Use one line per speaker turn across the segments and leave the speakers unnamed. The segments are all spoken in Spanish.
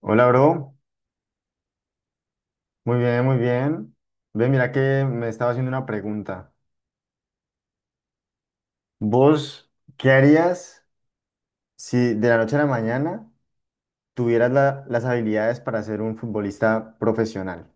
Hola, bro. Muy bien, muy bien. Ve, mira que me estaba haciendo una pregunta. ¿Vos qué harías si de la noche a la mañana tuvieras las habilidades para ser un futbolista profesional?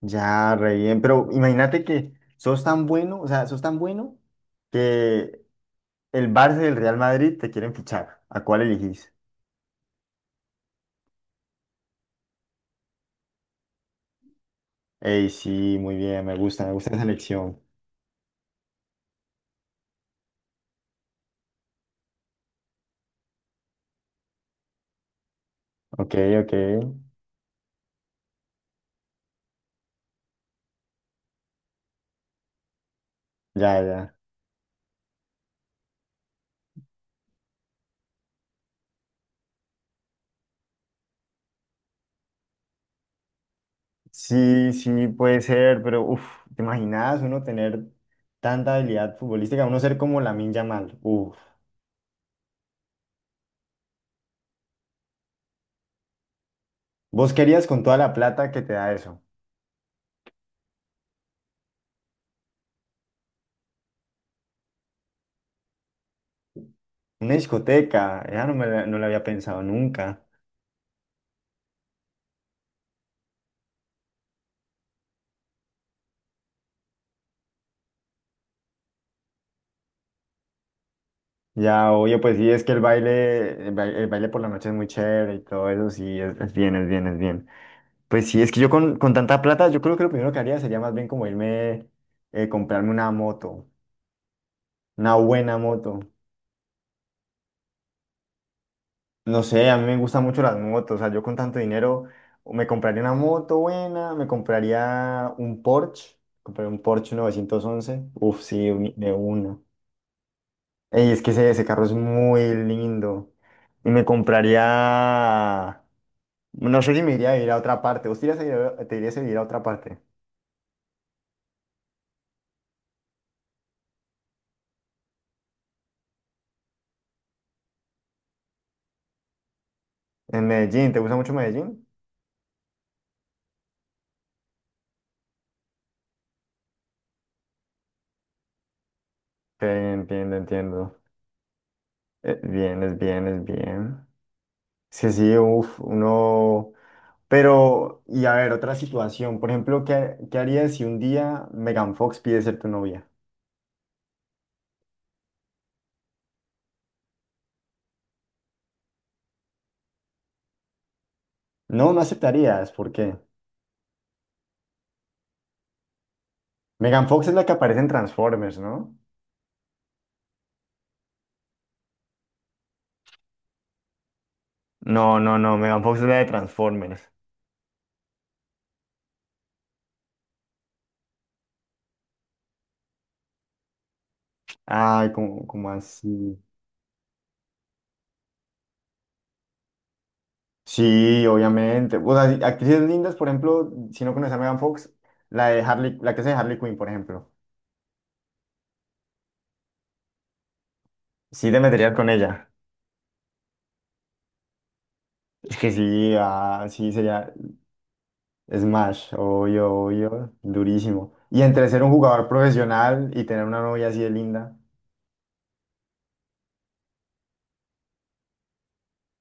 Ya, re bien, pero imagínate que sos tan bueno, o sea, sos tan bueno que el Barça y el Real Madrid te quieren fichar. ¿A cuál elegís? Ey, sí, muy bien, me gusta esa elección. Ok, ok, ya, ya. Sí, sí, puede ser, pero ¿te imaginas uno tener tanta habilidad futbolística? Uno ser como Lamine Yamal, uff. ¿Vos querías con toda la plata que te da eso? Una discoteca, ya no la había pensado nunca. Ya, oye, pues sí, es que el baile por la noche es muy chévere y todo eso, sí, es bien, es bien, es bien. Pues sí, es que yo con tanta plata, yo creo que lo primero que haría sería más bien como irme, comprarme una moto, una buena moto. No sé, a mí me gustan mucho las motos. O sea, yo con tanto dinero o me compraría una moto buena, me compraría un Porsche 911. Uf, sí, de una. Ey, es que ese carro es muy lindo. Y me compraría. No sé si me iría a vivir a otra parte. ¿Vos te irías a vivir te irías a vivir a otra parte? En Medellín, ¿te gusta mucho Medellín? Bien, entiendo, entiendo. Bien, es bien, es bien. Sí, sí, uf, uno. Pero, y a ver, otra situación. Por ejemplo, ¿qué harías si un día Megan Fox pide ser tu novia? No, no aceptarías. ¿Por qué? Megan Fox es la que aparece en Transformers, ¿no? No, no, no, Megan Fox es la de Transformers. Ay, como así. Sí, obviamente. O sea, sí, actrices lindas, por ejemplo, si no conoces a Megan Fox, la de Harley, la que hace de Harley Quinn, por ejemplo. Sí te meterías con ella. Es que sí, ah, sí sería. Smash, obvio, obvio, durísimo. Y entre ser un jugador profesional y tener una novia así de linda,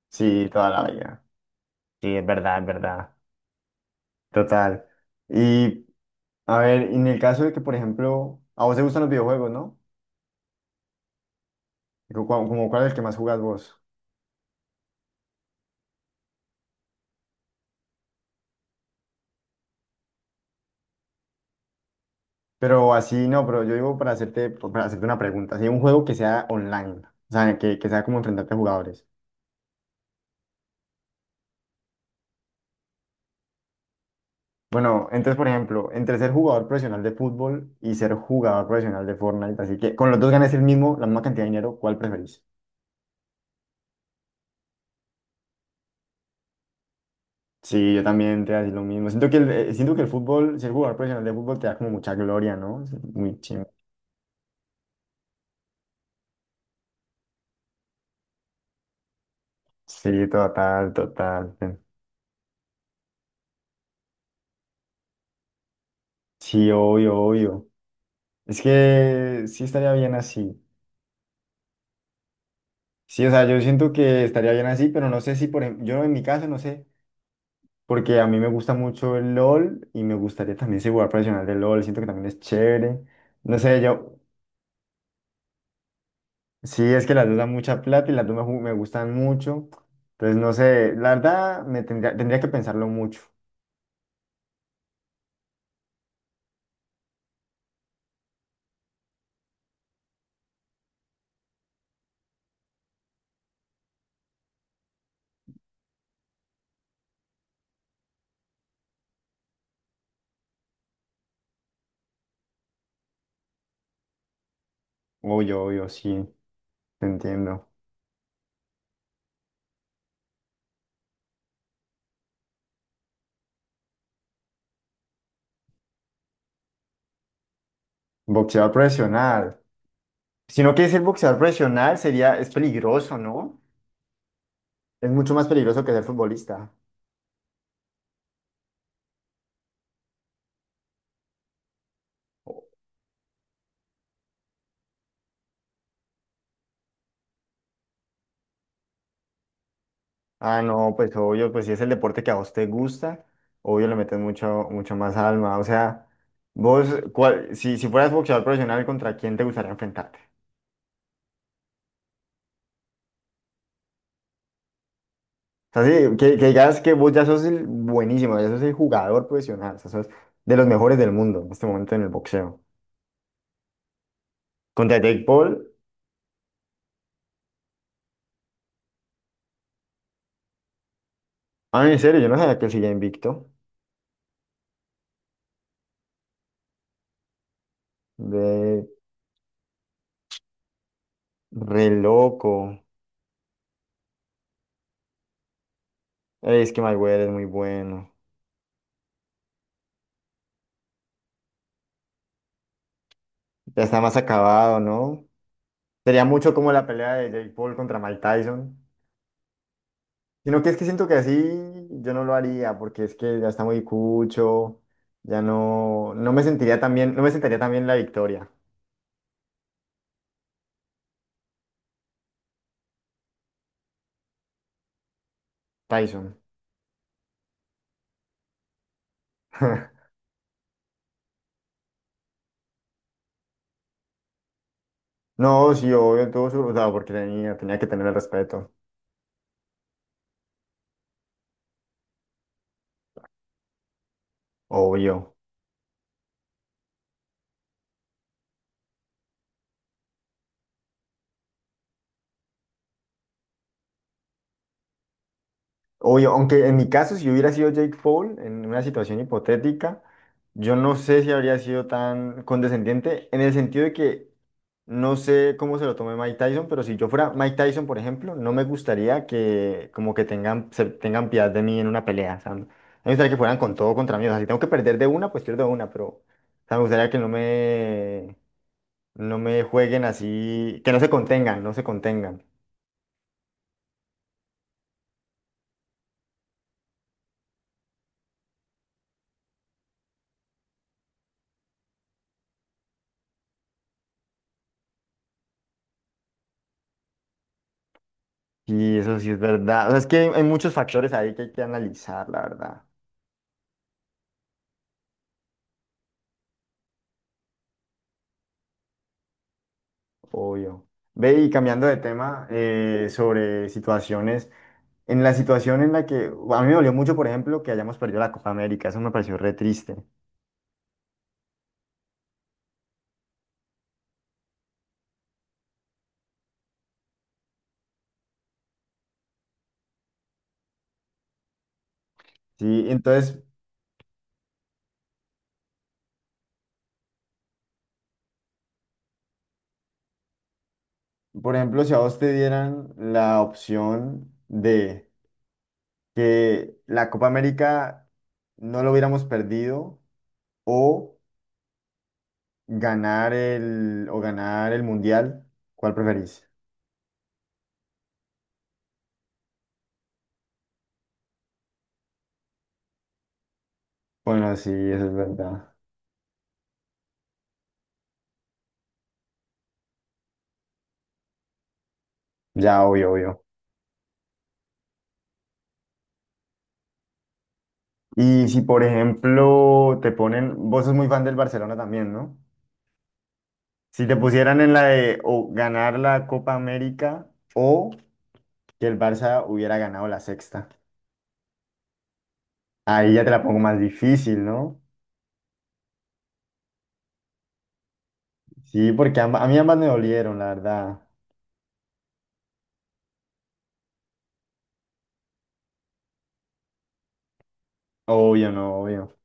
sí, toda la vida. Sí, es verdad, es verdad. Total. Y a ver, en el caso de que, por ejemplo, a vos te gustan los videojuegos, ¿no? Como, como cuál es el que más jugas vos. Pero así no, pero yo digo para hacerte una pregunta, así un juego que sea online, o sea, que sea como enfrentarte a jugadores. Bueno, entonces, por ejemplo, entre ser jugador profesional de fútbol y ser jugador profesional de Fortnite, así que con los dos ganas el mismo, la misma cantidad de dinero, ¿cuál preferís? Sí, yo también te decir lo mismo. Siento que siento que el fútbol, ser jugador profesional de fútbol te da como mucha gloria, ¿no? Es muy chingo. Sí, total, total. Sí, obvio, obvio. Es que sí estaría bien así. Sí, o sea, yo siento que estaría bien así, pero no sé si, por ejemplo, yo en mi caso no sé. Porque a mí me gusta mucho el LOL y me gustaría también ser jugador profesional de LOL, siento que también es chévere. No sé, yo, sí, es que las dos dan mucha plata y las dos me gustan mucho. Entonces, no sé, la verdad, me tendría, tendría que pensarlo mucho. Obvio, obvio, sí, te entiendo. Boxeador profesional. Si no quieres ser boxeador profesional, sería, es peligroso, ¿no? Es mucho más peligroso que ser futbolista. Ah, no, pues obvio, pues si es el deporte que a vos te gusta, obvio le metes mucho, mucho más alma. O sea, vos, cuál, si fueras boxeador profesional, ¿contra quién te gustaría enfrentarte? O sea, sí, que digas que vos ya sos el buenísimo, ya sos el jugador profesional, o sea, sos de los mejores del mundo en este momento en el boxeo. Contra Jake Paul, ah, en serio, yo no sabía que él seguía invicto. De re loco. Ey, es que Mayweather es muy bueno. Ya está más acabado, ¿no? Sería mucho como la pelea de Jake Paul contra Mike Tyson. Sino que es que siento que así yo no lo haría, porque es que ya está muy cucho, ya no, no me sentiría tan bien, no me sentaría tan bien la victoria, Tyson. No, sí, obvio, tuvo su, o sea, porque tenía, tenía que tener el respeto, obvio. Obvio, aunque en mi caso, si yo hubiera sido Jake Paul, en una situación hipotética, yo no sé si habría sido tan condescendiente, en el sentido de que no sé cómo se lo tome Mike Tyson, pero si yo fuera Mike Tyson, por ejemplo, no me gustaría que como que tengan, se tengan piedad de mí en una pelea. O sea, me gustaría que fueran con todo contra mí. O sea, si tengo que perder de una, pues pierdo de una, pero o sea, me gustaría que no me jueguen así, que no se contengan, no se contengan. Sí, eso sí es verdad. O sea, es que hay muchos factores ahí que hay que analizar, la verdad. Obvio. Ve y cambiando de tema, sobre situaciones. En la situación en la que a mí me dolió mucho, por ejemplo, que hayamos perdido la Copa América. Eso me pareció re triste. Sí, entonces, por ejemplo, si a vos te dieran la opción de que la Copa América no lo hubiéramos perdido o ganar el Mundial, ¿cuál preferís? Bueno, sí, eso es verdad. Ya, obvio, obvio. Y si, por ejemplo, te ponen, vos sos muy fan del Barcelona también, ¿no? Si te pusieran en la de o ganar la Copa América o que el Barça hubiera ganado la sexta. Ahí ya te la pongo más difícil, ¿no? Sí, porque a mí ambas me dolieron, la verdad. Obvio, no, obvio.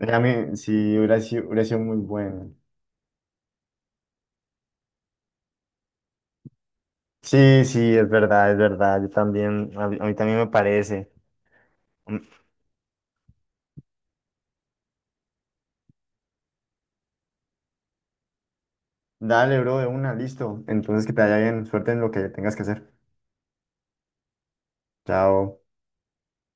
A mí sí, hubiera sido muy bueno. Sí, sí, es verdad, es verdad. Yo también, a mí también me parece. Mm, dale, bro, de una, listo. Entonces que te vaya bien. Suerte en lo que tengas que hacer. Chao.